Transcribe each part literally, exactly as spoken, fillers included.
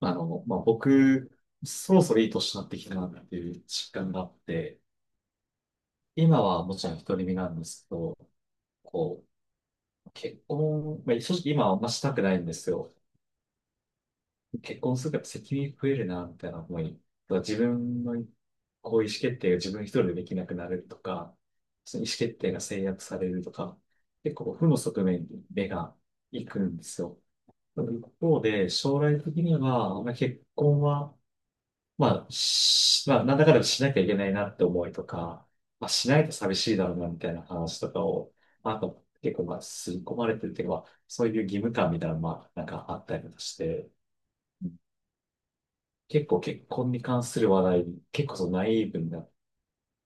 あの、まあ、僕、そろそろいい年になってきたなっていう実感があって、今はもちろん独り身なんですけど、こう、結婚、まあ、正直今はあんましたくないんですよ。結婚するから責任増えるな、みたいな思い。自分のこう意思決定が自分一人でできなくなるとか、その意思決定が制約されるとか、結構負の側面に目が行くんですよ。でも一方で、将来的には、まあ、結婚は、まあ、し、まあ、なんだかんだしなきゃいけないなって思いとか、まあ、しないと寂しいだろうなみたいな話とかを、あと結構まあ、吸い込まれてるっていうか、まあそういう義務感みたいなのまあ、なんかあったりとかして、結構結婚に関する話題、結構そのナイーブになっ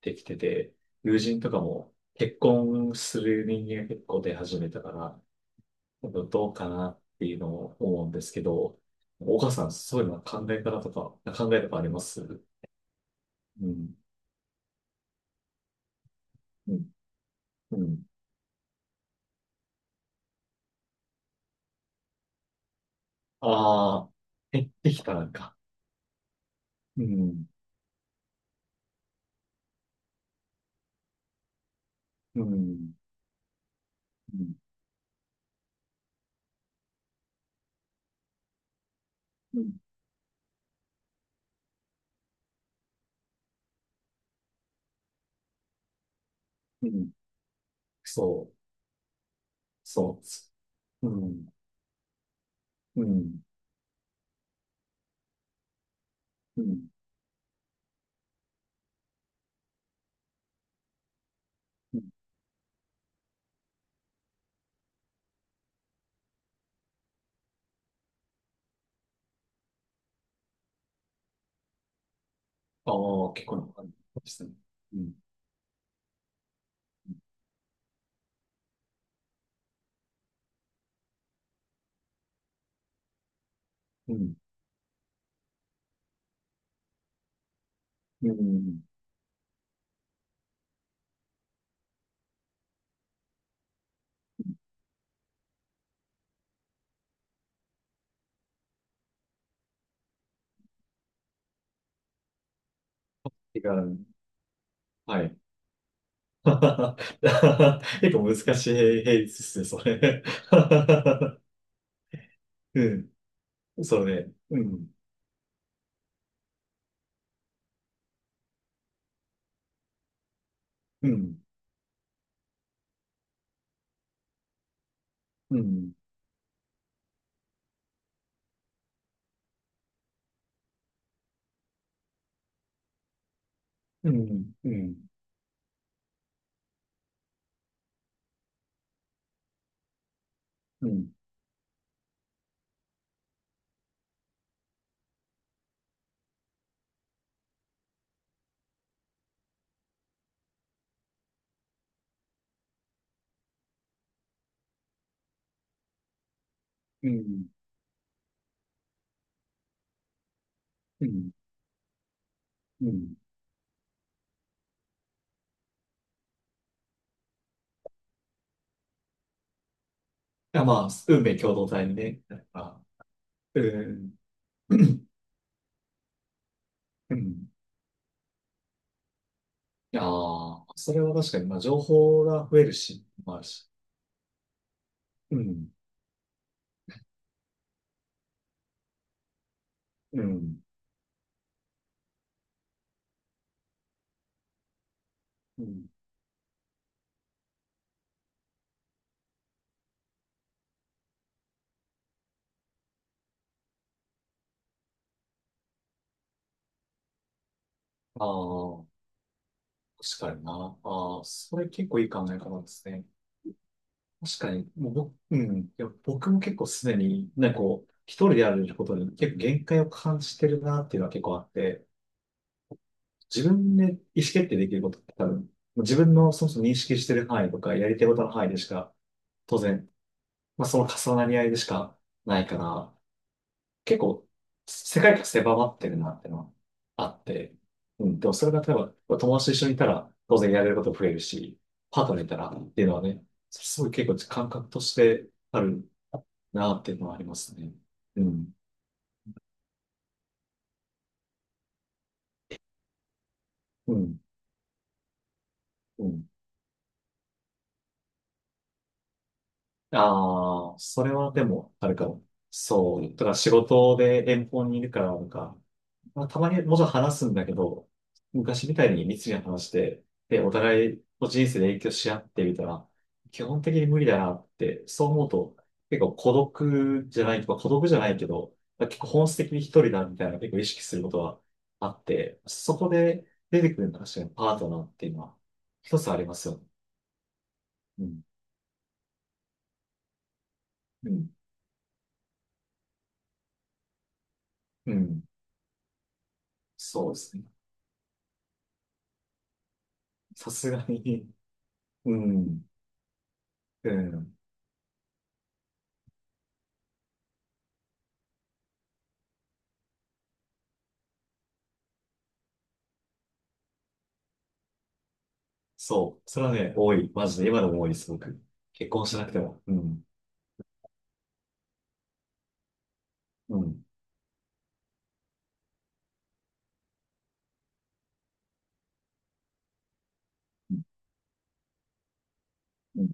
てきてて、友人とかも結婚する人間が結構出始めたから、どうかなっていうのを思うんですけど、岡さん、そういうのは考え方とか、考えとかありますうん。うん。うんああ、減ってきたなんか。うん、うん、うん、うん、うんそう、そう、うん、うん、うん。うんああ、結構な感じですね。うん、うん、うん。違う。はい。結構難しい平率ですね、それ。うん、それねうん、うん、うん、うん、うん、うん、うん、うん、うん。あ、まあ、運命共同体にね。なんかうんうんうん。ああ、それは確かに、まあ、情報が増えるし、まあ、しうん、うん、うん。ああ、確かにな。ああ、それ結構いい考え方ですね。確かに、もう僕、うん、いや、僕も結構すでにね、なんかこう、一人でやることに結構限界を感じてるなっていうのは結構あって、自分で意思決定できることって多分、自分のそもそも認識してる範囲とか、やりたいことの範囲でしか、当然、まあ、その重なり合いでしかないから、結構、世界が狭まってるなってのはあって、うん、でもそれが例えば、友達と一緒にいたら、当然やれること増えるし、パートナーいたらっていうのはね、すごい結構感覚としてあるなっていうのはありますね。うん、うん、うん。ああ、それはでもあるかも。そう。だから仕事で遠方にいるから、なんか、まあ、たまにもちろん話すんだけど、昔みたいに密に話して、で、お互いの人生で影響し合ってみたら、基本的に無理だなって、そう思うと、結構孤独じゃないとか、孤独じゃないけど、結構本質的に一人だみたいな結構意識することはあって、そこで出てくるのが確かにパートナーっていうのは一つありますよね。うん。うん。うん。そうですね。さすがに。うん。うん。そう。それはね、多い。マジで。今でも多いです、僕。結婚しなくても。うん。うん。うん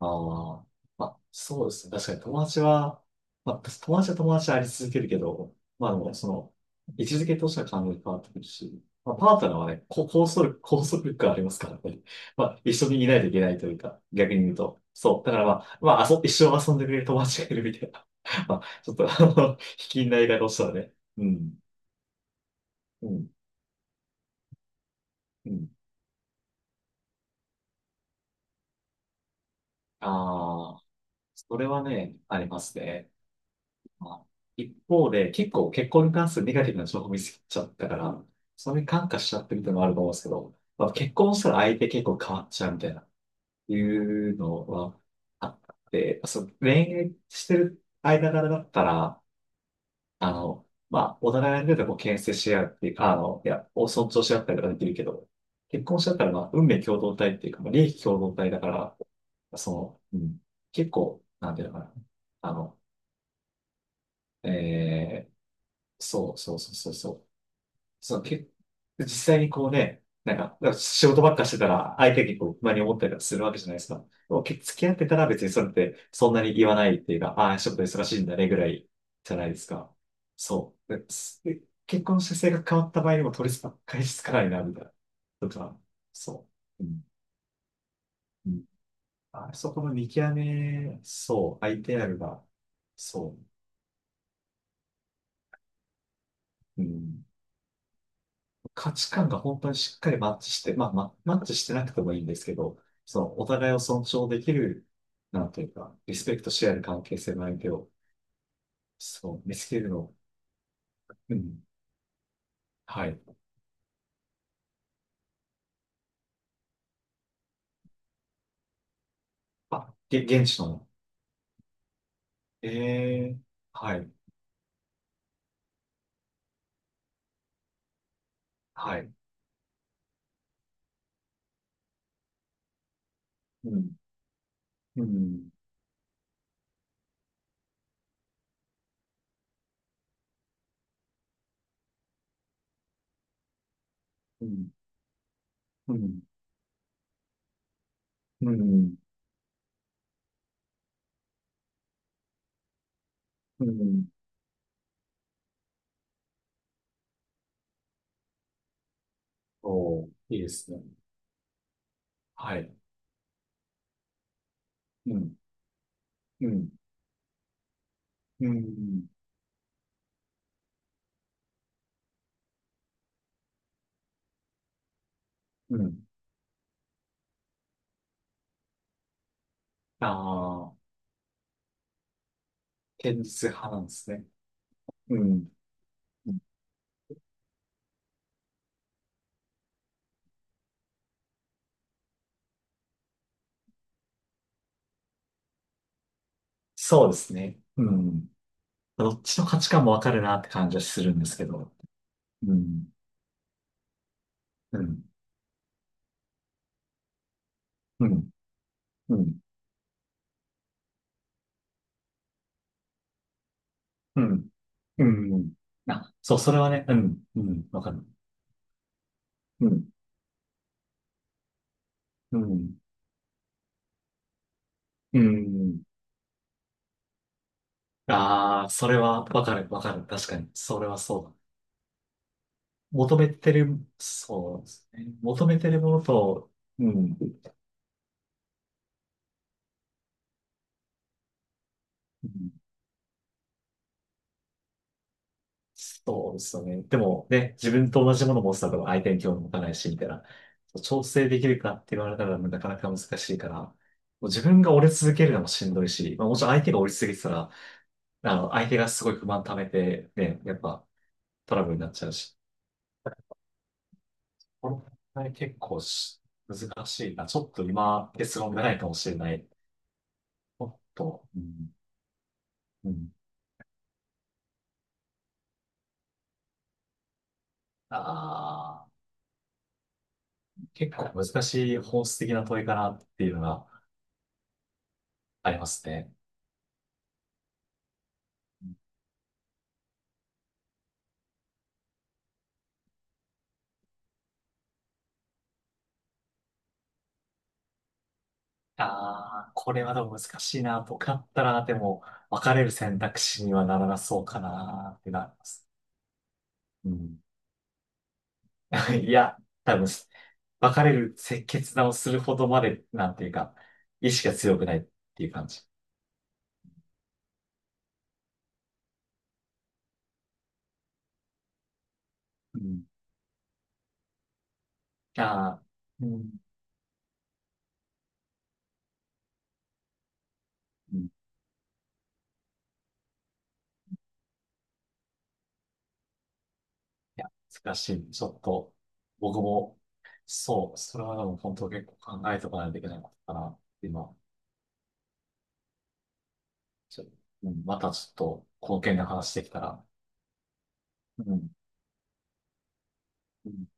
ああ。まあ、そうですね。確かに友達は、まあ、友達は友達であり続けるけど、まあでも、その、位置づけとしては完全に変わってくるし、まあ、パートナーはね、こ拘束、拘束力がありますからね。まあ、一緒にいないといけないというか、逆に言うと。そう。だからまあ、まあ、遊一生遊んでくれる友達がいるみたいな。まあ、ちょっと、あの、卑近な言い方をしたらね。うん。うん。うん。ああ。それはね、ありますね。まあ、一方で、結構結婚に関するネガティブな情報見つけちゃったから、それに感化しちゃってるっていうのもあると思うんですけど、まあ、結婚したら相手結構変わっちゃうみたいな、いうのはあって、そう、恋愛してる間柄だったら、あの、まあ、お互いのことをこう牽制し合うっていうか、あの、いや、を尊重し合ったりとかできるけど、結婚しちゃったら、まあ、運命共同体っていうか、まあ、利益共同体だから、その、うん、結構、なんていうのかな。あの、えー、そうそうそうそうそう。そう、け、実際にこうね、なんか、なんか仕事ばっかしてたら、相手にこう、不満に思ったりとかするわけじゃないですか。でもけ付き合ってたら別にそれって、そんなに言わないっていうか、ああ、ちょっと忙しいんだねぐらいじゃないですか。そう。ですで結婚して性格変わった場合にも取り返しつかないな、みたいな。とか、そう。うん。うん。あそこの見極め、そう、相手あるが、そう。うん。価値観が本当にしっかりマッチして、まあ、ま、マッチしてなくてもいいんですけど、そのお互いを尊重できる、なんていうか、リスペクトし合える関係性の相手を、そう、見つけるの。うん。はい。あ、げ、現地の。ええはい。はい。うん。うん。うん。うん。うん。うんおー、いいですね。はい。うん。うん。うん。うん。ああ、現実派なんですね。うん。そうですね。うん。どっちの価値観もわかるなって感じはするんですけど。うん、うん、うん、うん、うん、うん。うんあ、そう、それはね、うん、うん、わかる。うん、うん、うん。ああ、それはわかる、わかる。確かに、それはそうだ。求めてる、そうですね。求めてるものと、うん。うんそうですよね。でもね、自分と同じものを持つてたら相手に興味持たないし、みたいな。調整できるかって言われたらなかなか難しいから、もう自分が折れ続けるのもしんどいし、まあ、もちろん相手が折り続けてたら、あの、相手がすごい不満溜めて、ね、やっぱトラブルになっちゃうし、この問題結構し難しいな。ちょっと今、結論がないかもしれない。もっと、うん、うん、ああ、結構難しい本質的な問いかなっていうのがありますね。ああ、これはでも難しいな。僕だったら、でも、別れる選択肢にはならなそうかなってなります。うん。いや、多分、別れる決断をするほどまで、なんていうか、意志が強くないっていう感じ。うん。ああ、うん。いうんいや、難しい。ちょっと、僕も、そう、それはでも本当結構考えておかないといけないことかな。今、ちょ、うん、またちょっと、この件で話してきたら、うん。うん